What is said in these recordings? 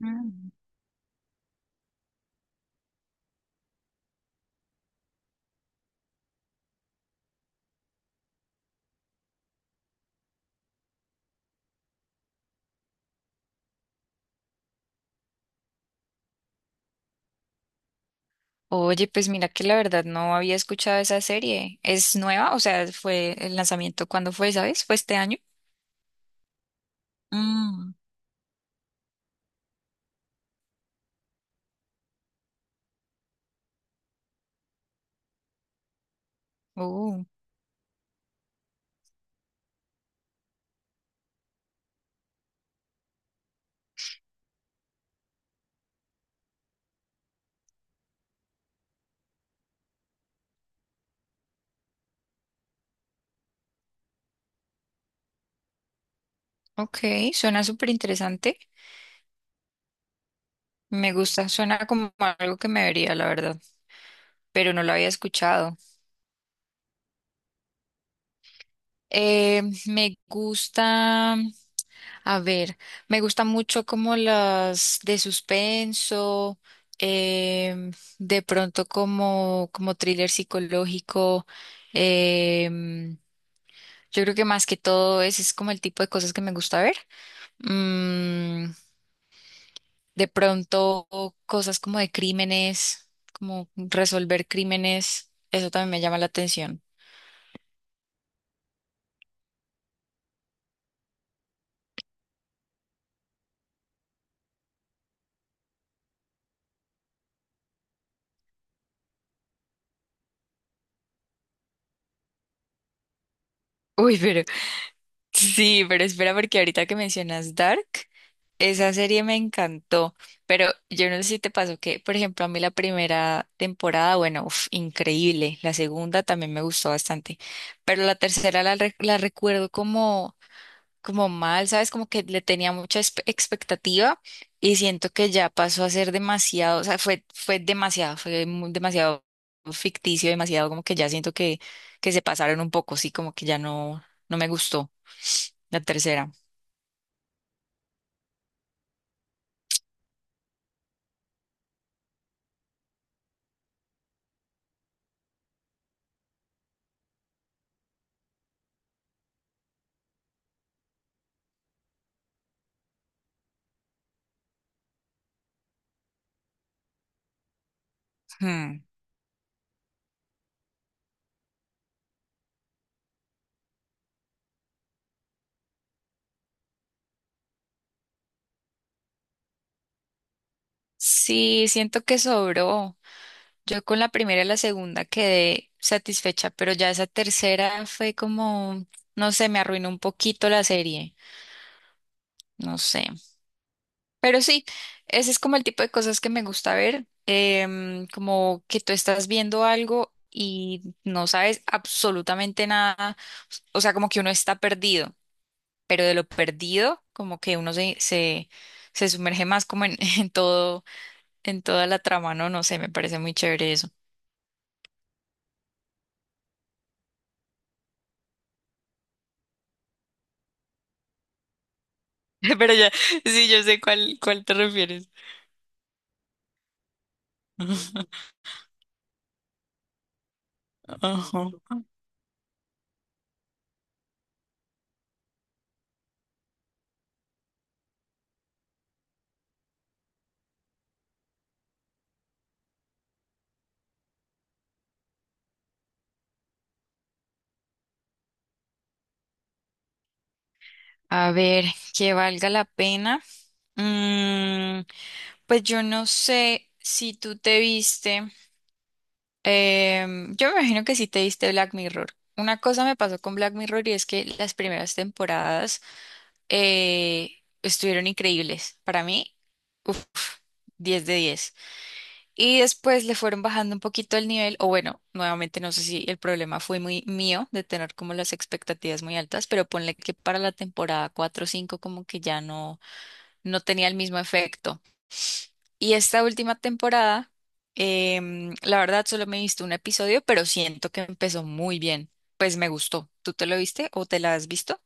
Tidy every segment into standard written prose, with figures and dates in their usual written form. Mm. Oye, pues mira que la verdad no había escuchado esa serie. ¿Es nueva? O sea, fue el lanzamiento. ¿Cuándo fue, ¿sabes? ¿Fue este año? Mm, uh, ok, suena súper interesante. Me gusta, suena como algo que me vería, la verdad, pero no lo había escuchado. Me gusta, a ver, me gusta mucho como las de suspenso, em, de pronto como, como thriller psicológico. em, yo creo que más que todo ese es como el tipo de cosas que me gusta ver. Mm, de pronto cosas como de crímenes, como resolver crímenes, eso también me llama la atención. Uy, pero sí, pero espera porque ahorita que mencionas Dark. Esa serie me encantó, pero yo no sé si te pasó que, por ejemplo, a mí la primera temporada, bueno, uf, increíble, la segunda también me gustó bastante, pero la tercera la, la recuerdo como, como mal, ¿sabes? Como que le tenía mucha expectativa y siento que ya pasó a ser demasiado, o sea, fue demasiado, fue demasiado ficticio, demasiado como que ya siento que se pasaron un poco, sí, como que ya no, no me gustó la tercera. Hmm. Sí, siento que sobró. Yo con la primera y la segunda quedé satisfecha, pero ya esa tercera fue como, no sé, me arruinó un poquito la serie, no sé. Pero sí, ese es como el tipo de cosas que me gusta ver, como que tú estás viendo algo y no sabes absolutamente nada, o sea, como que uno está perdido, pero de lo perdido, como que uno se sumerge más como en, en todo, en toda la trama, no, no sé, me parece muy chévere eso. Pero ya, sí, yo sé cuál te refieres. Ajá. A ver, que valga la pena. Mm, pues yo no sé si tú te viste. Yo me imagino que sí te viste Black Mirror. Una cosa me pasó con Black Mirror y es que las primeras temporadas estuvieron increíbles. Para mí, uff, 10 de diez. Y después le fueron bajando un poquito el nivel, o bueno, nuevamente no sé si el problema fue muy mío de tener como las expectativas muy altas, pero ponle que para la temporada 4 o 5 como que ya no, no tenía el mismo efecto. Y esta última temporada, la verdad solo me he visto un episodio, pero siento que empezó muy bien. Pues me gustó. ¿Tú te lo viste o te la has visto?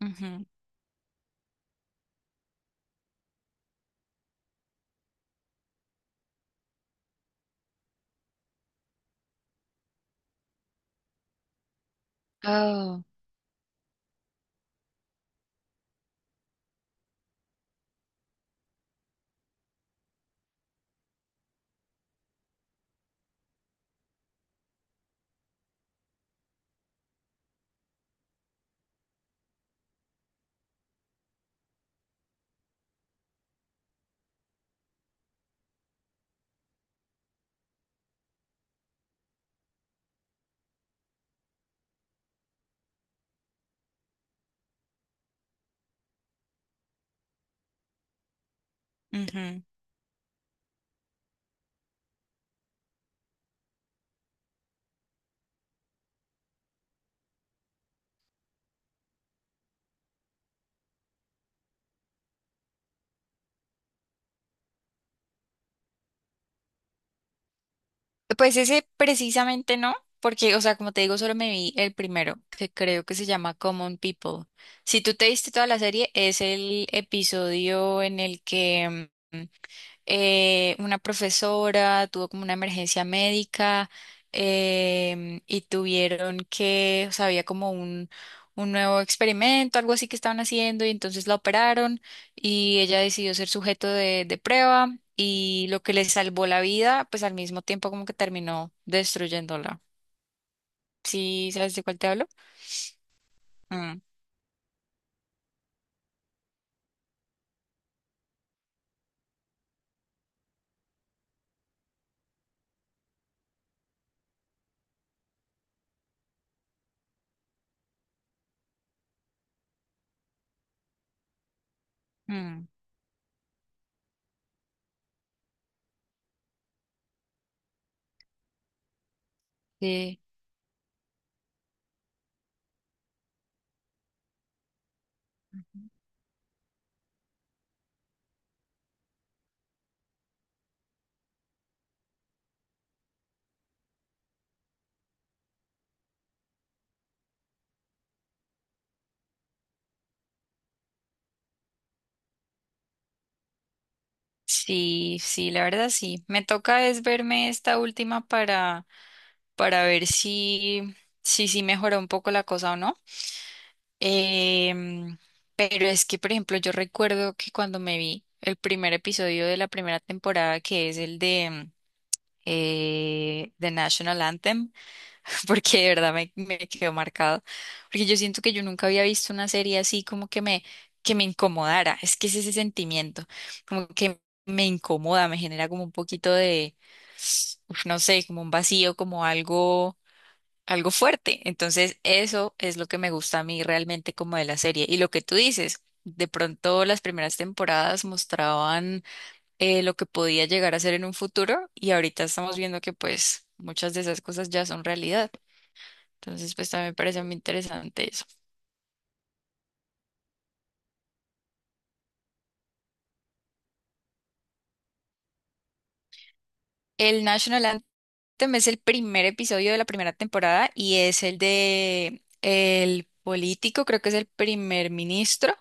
Ujú. Oh. Ujú. Pues ese precisamente no, porque, o sea, como te digo, solo me vi el primero, que creo que se llama Common People. Si tú te viste toda la serie, es el episodio en el que una profesora tuvo como una emergencia médica. Y tuvieron que, o sea, había como un nuevo experimento, algo así que estaban haciendo y entonces la operaron y ella decidió ser sujeto de prueba y lo que le salvó la vida, pues al mismo tiempo como que terminó destruyéndola. ¿Sí sabes de cuál te hablo? Mm, mm, sí. Sí, sí, la verdad sí. Me toca es verme esta última para ver si, si, sí mejoró un poco la cosa o no. Em, pero es que, por ejemplo, yo recuerdo que cuando me vi el primer episodio de la primera temporada, que es el de The National Anthem, porque de verdad me, me quedó marcado, porque yo siento que yo nunca había visto una serie así como que me incomodara, es que es ese sentimiento, como que me incomoda, me genera como un poquito de, uf, no sé, como un vacío, como algo algo fuerte. Entonces, eso es lo que me gusta a mí realmente como de la serie. Y lo que tú dices, de pronto las primeras temporadas mostraban lo que podía llegar a ser en un futuro y ahorita estamos viendo que pues muchas de esas cosas ya son realidad. Entonces, pues también me parece muy interesante eso. El National Anthem es el primer episodio de la primera temporada y es el de el político, creo que es el primer ministro.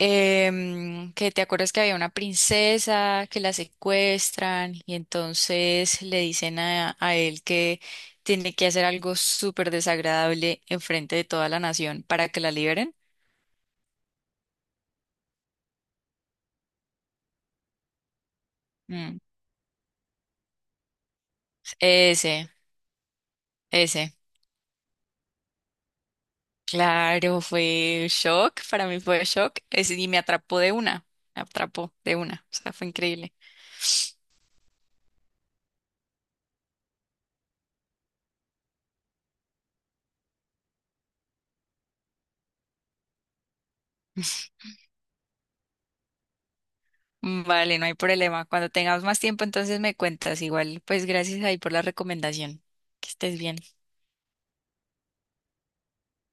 Que te acuerdas que había una princesa que la secuestran y entonces le dicen a él que tiene que hacer algo súper desagradable enfrente de toda la nación para que la liberen. Mm, ese, ese. Claro, fue shock, para mí fue shock, ese, y me atrapó de una, me atrapó de una, o sea, fue increíble. Mm, vale, no hay problema. Cuando tengamos más tiempo, entonces me cuentas. Igual, pues gracias ahí por la recomendación. Que estés bien.